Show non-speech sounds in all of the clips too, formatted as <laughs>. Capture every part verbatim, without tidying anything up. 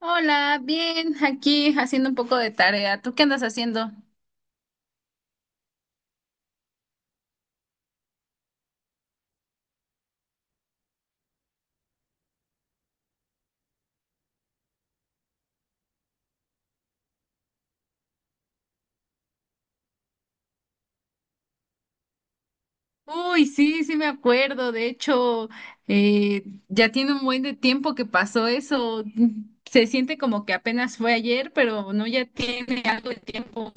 Hola, bien, aquí haciendo un poco de tarea. ¿Tú qué andas haciendo? Uy, sí, sí me acuerdo. De hecho, eh, ya tiene un buen de tiempo que pasó eso. Mm, Se siente como que apenas fue ayer, pero no, ya tiene algo de tiempo.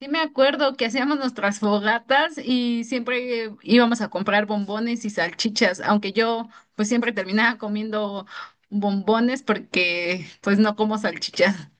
Sí me acuerdo que hacíamos nuestras fogatas y siempre eh, íbamos a comprar bombones y salchichas, aunque yo pues siempre terminaba comiendo bombones porque pues no como salchichas.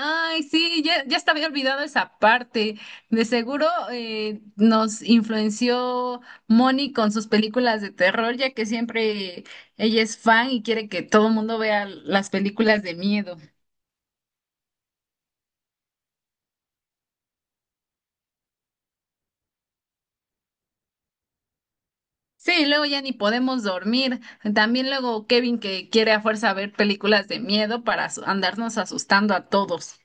Ay, sí, ya, ya estaba olvidado esa parte. De seguro eh, nos influenció Moni con sus películas de terror, ya que siempre ella es fan y quiere que todo el mundo vea las películas de miedo. Sí, luego ya ni podemos dormir. También luego Kevin que quiere a fuerza ver películas de miedo para asu- andarnos asustando a todos.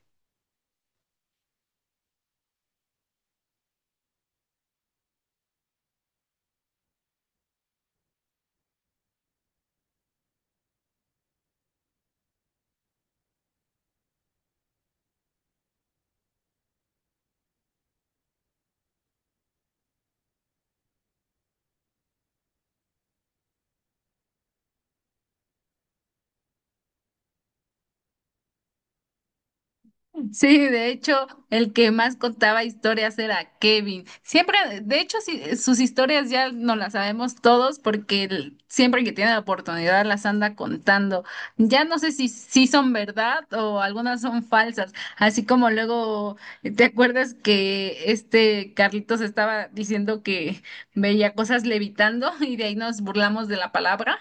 Sí, de hecho, el que más contaba historias era Kevin. Siempre, de hecho, sí, sus historias ya no las sabemos todos porque él siempre que tiene la oportunidad las anda contando. Ya no sé si, si son verdad o algunas son falsas. Así como luego, ¿te acuerdas que este Carlitos estaba diciendo que veía cosas levitando <laughs> y de ahí nos burlamos de la palabra?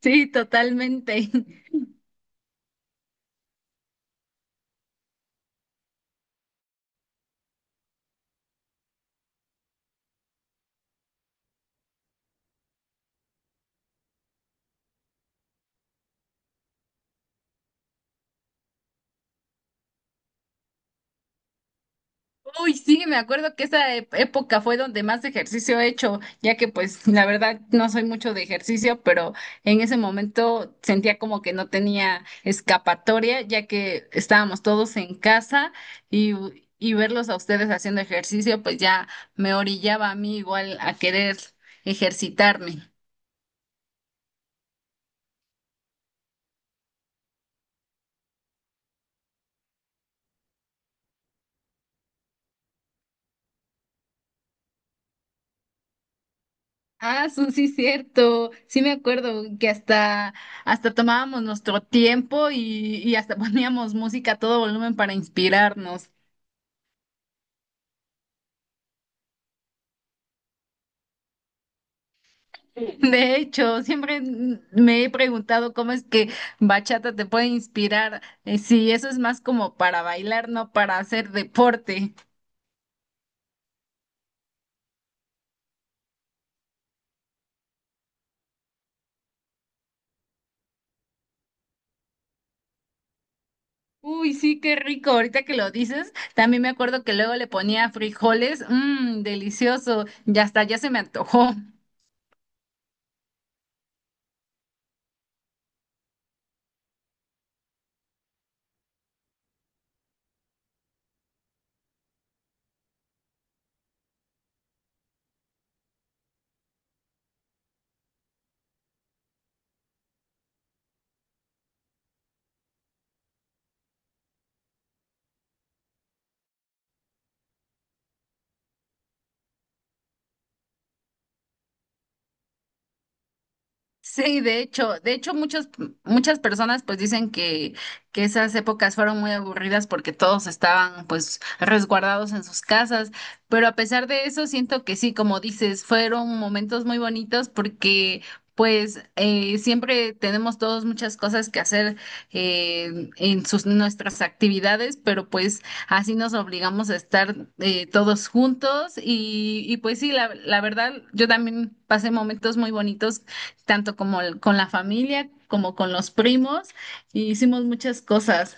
Sí, totalmente. Uy, sí, me acuerdo que esa e- época fue donde más ejercicio he hecho, ya que pues la verdad no soy mucho de ejercicio, pero en ese momento sentía como que no tenía escapatoria, ya que estábamos todos en casa y, y verlos a ustedes haciendo ejercicio, pues ya me orillaba a mí igual a querer ejercitarme. Ah, su- sí, cierto. Sí me acuerdo que hasta, hasta tomábamos nuestro tiempo y, y hasta <laughs> poníamos música a todo volumen para inspirarnos. De hecho, siempre me he preguntado cómo es que bachata te puede inspirar, eh, si eso es más como para bailar, no para hacer deporte. Uy, sí, qué rico. Ahorita que lo dices, también me acuerdo que luego le ponía frijoles, mmm, delicioso. Ya hasta ya se me antojó. Sí, de hecho, de hecho muchas muchas personas pues dicen que que esas épocas fueron muy aburridas porque todos estaban pues resguardados en sus casas, pero a pesar de eso siento que sí, como dices, fueron momentos muy bonitos porque pues eh, siempre tenemos todos muchas cosas que hacer eh, en sus nuestras actividades, pero pues así nos obligamos a estar eh, todos juntos y, y pues sí, la, la verdad yo también pasé momentos muy bonitos tanto como el- con la familia como con los primos, y hicimos muchas cosas.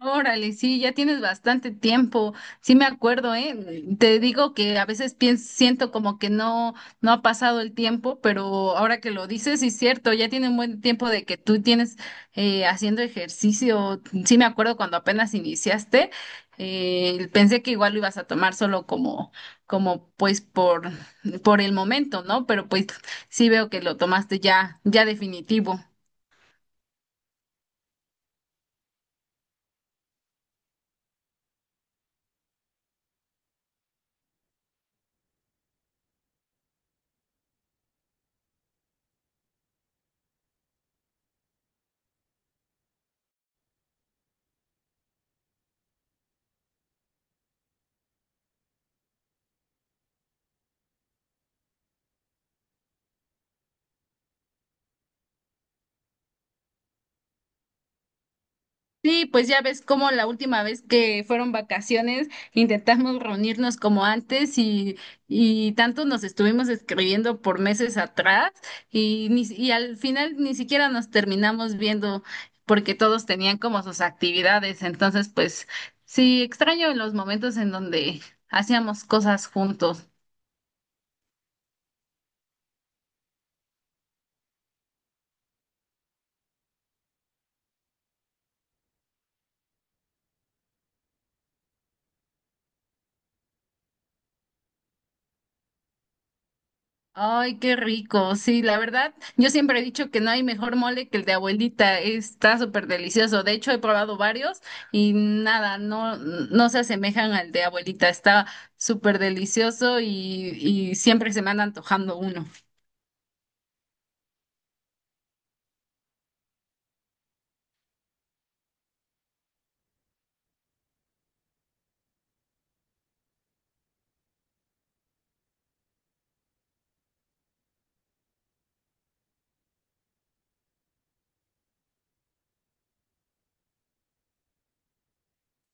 Órale, sí, ya tienes bastante tiempo. Sí me acuerdo, ¿eh? Te digo que a veces pienso, siento como que no, no ha pasado el tiempo, pero ahora que lo dices, sí es cierto, ya tiene un buen tiempo de que tú tienes eh, haciendo ejercicio. Sí me acuerdo cuando apenas iniciaste, eh, pensé que igual lo ibas a tomar solo como, como pues por, por el momento, ¿no? Pero pues sí veo que lo tomaste ya, ya definitivo. Sí, pues ya ves cómo la última vez que fueron vacaciones intentamos reunirnos como antes y, y tanto nos estuvimos escribiendo por meses atrás y, ni, si- y al final ni siquiera nos terminamos viendo porque todos tenían como sus actividades. Entonces, pues sí, extraño los momentos en donde hacíamos cosas juntos. Ay, qué rico. Sí, la verdad, yo siempre he dicho que no hay mejor mole que el de abuelita. Está súper delicioso. De hecho, he probado varios y nada, no, no se asemejan al de abuelita. Está súper delicioso y, y siempre se me anda antojando uno.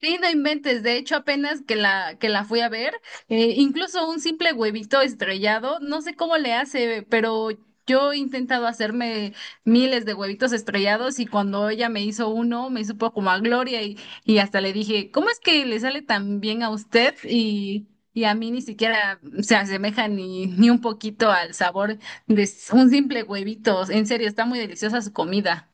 Sí, no inventes. De hecho, apenas que la, que la fui a ver, eh, incluso un simple huevito estrellado, no sé cómo le hace, pero yo he intentado hacerme miles de huevitos estrellados y cuando ella me hizo uno, me supo como a gloria y, y hasta le dije, ¿cómo es que le sale tan bien a usted y, y a mí ni siquiera se asemeja ni, ni un poquito al sabor de s- un simple huevito? En serio, está muy deliciosa su comida.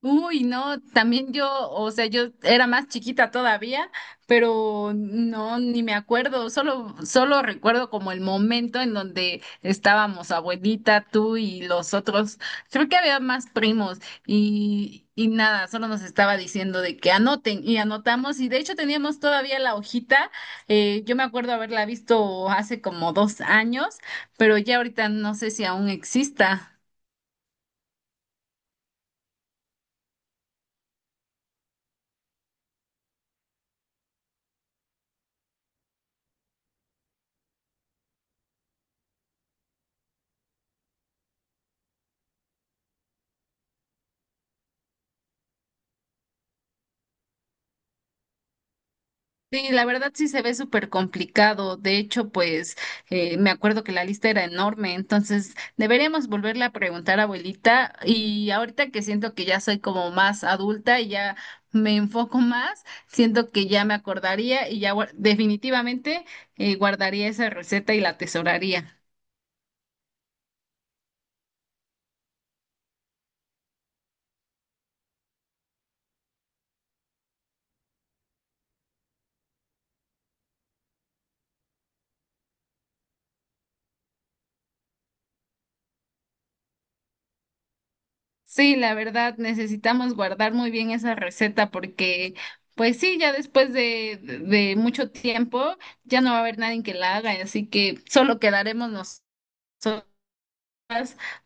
Uy, no, también yo, o sea, yo era más chiquita todavía, pero no, ni me acuerdo, solo, solo recuerdo como el momento en donde estábamos abuelita, tú y los otros, creo que había más primos y, y nada, solo nos estaba diciendo de que anoten y anotamos y de hecho teníamos todavía la hojita, eh, yo me acuerdo haberla visto hace como dos años, pero ya ahorita no sé si aún exista. Sí, la verdad sí se ve súper complicado. De hecho, pues eh, me acuerdo que la lista era enorme, entonces deberíamos volverle a preguntar a abuelita. Y ahorita que siento que ya soy como más adulta y ya me enfoco más, siento que ya me acordaría y ya guar- definitivamente eh, guardaría esa receta y la atesoraría. Sí, la verdad, necesitamos guardar muy bien esa receta porque, pues sí, ya después de, de mucho tiempo ya no va a haber nadie que la haga, así que solo quedaremos nosotras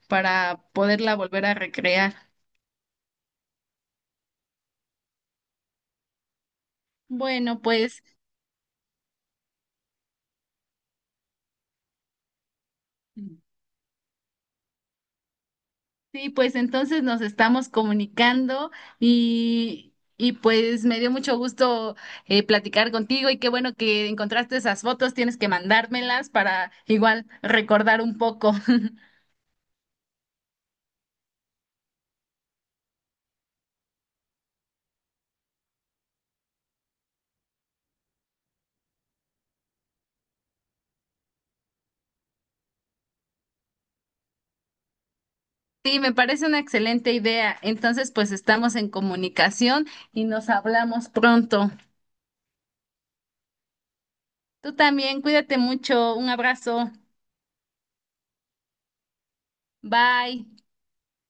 para poderla volver a recrear. Bueno, pues sí, pues entonces nos estamos comunicando y, y pues me dio mucho gusto eh, platicar contigo y qué bueno que encontraste esas fotos, tienes que mandármelas para igual recordar un poco. Sí, me parece una excelente idea. Entonces, pues estamos en comunicación y nos hablamos pronto. Tú también, cuídate mucho. Un abrazo. Bye.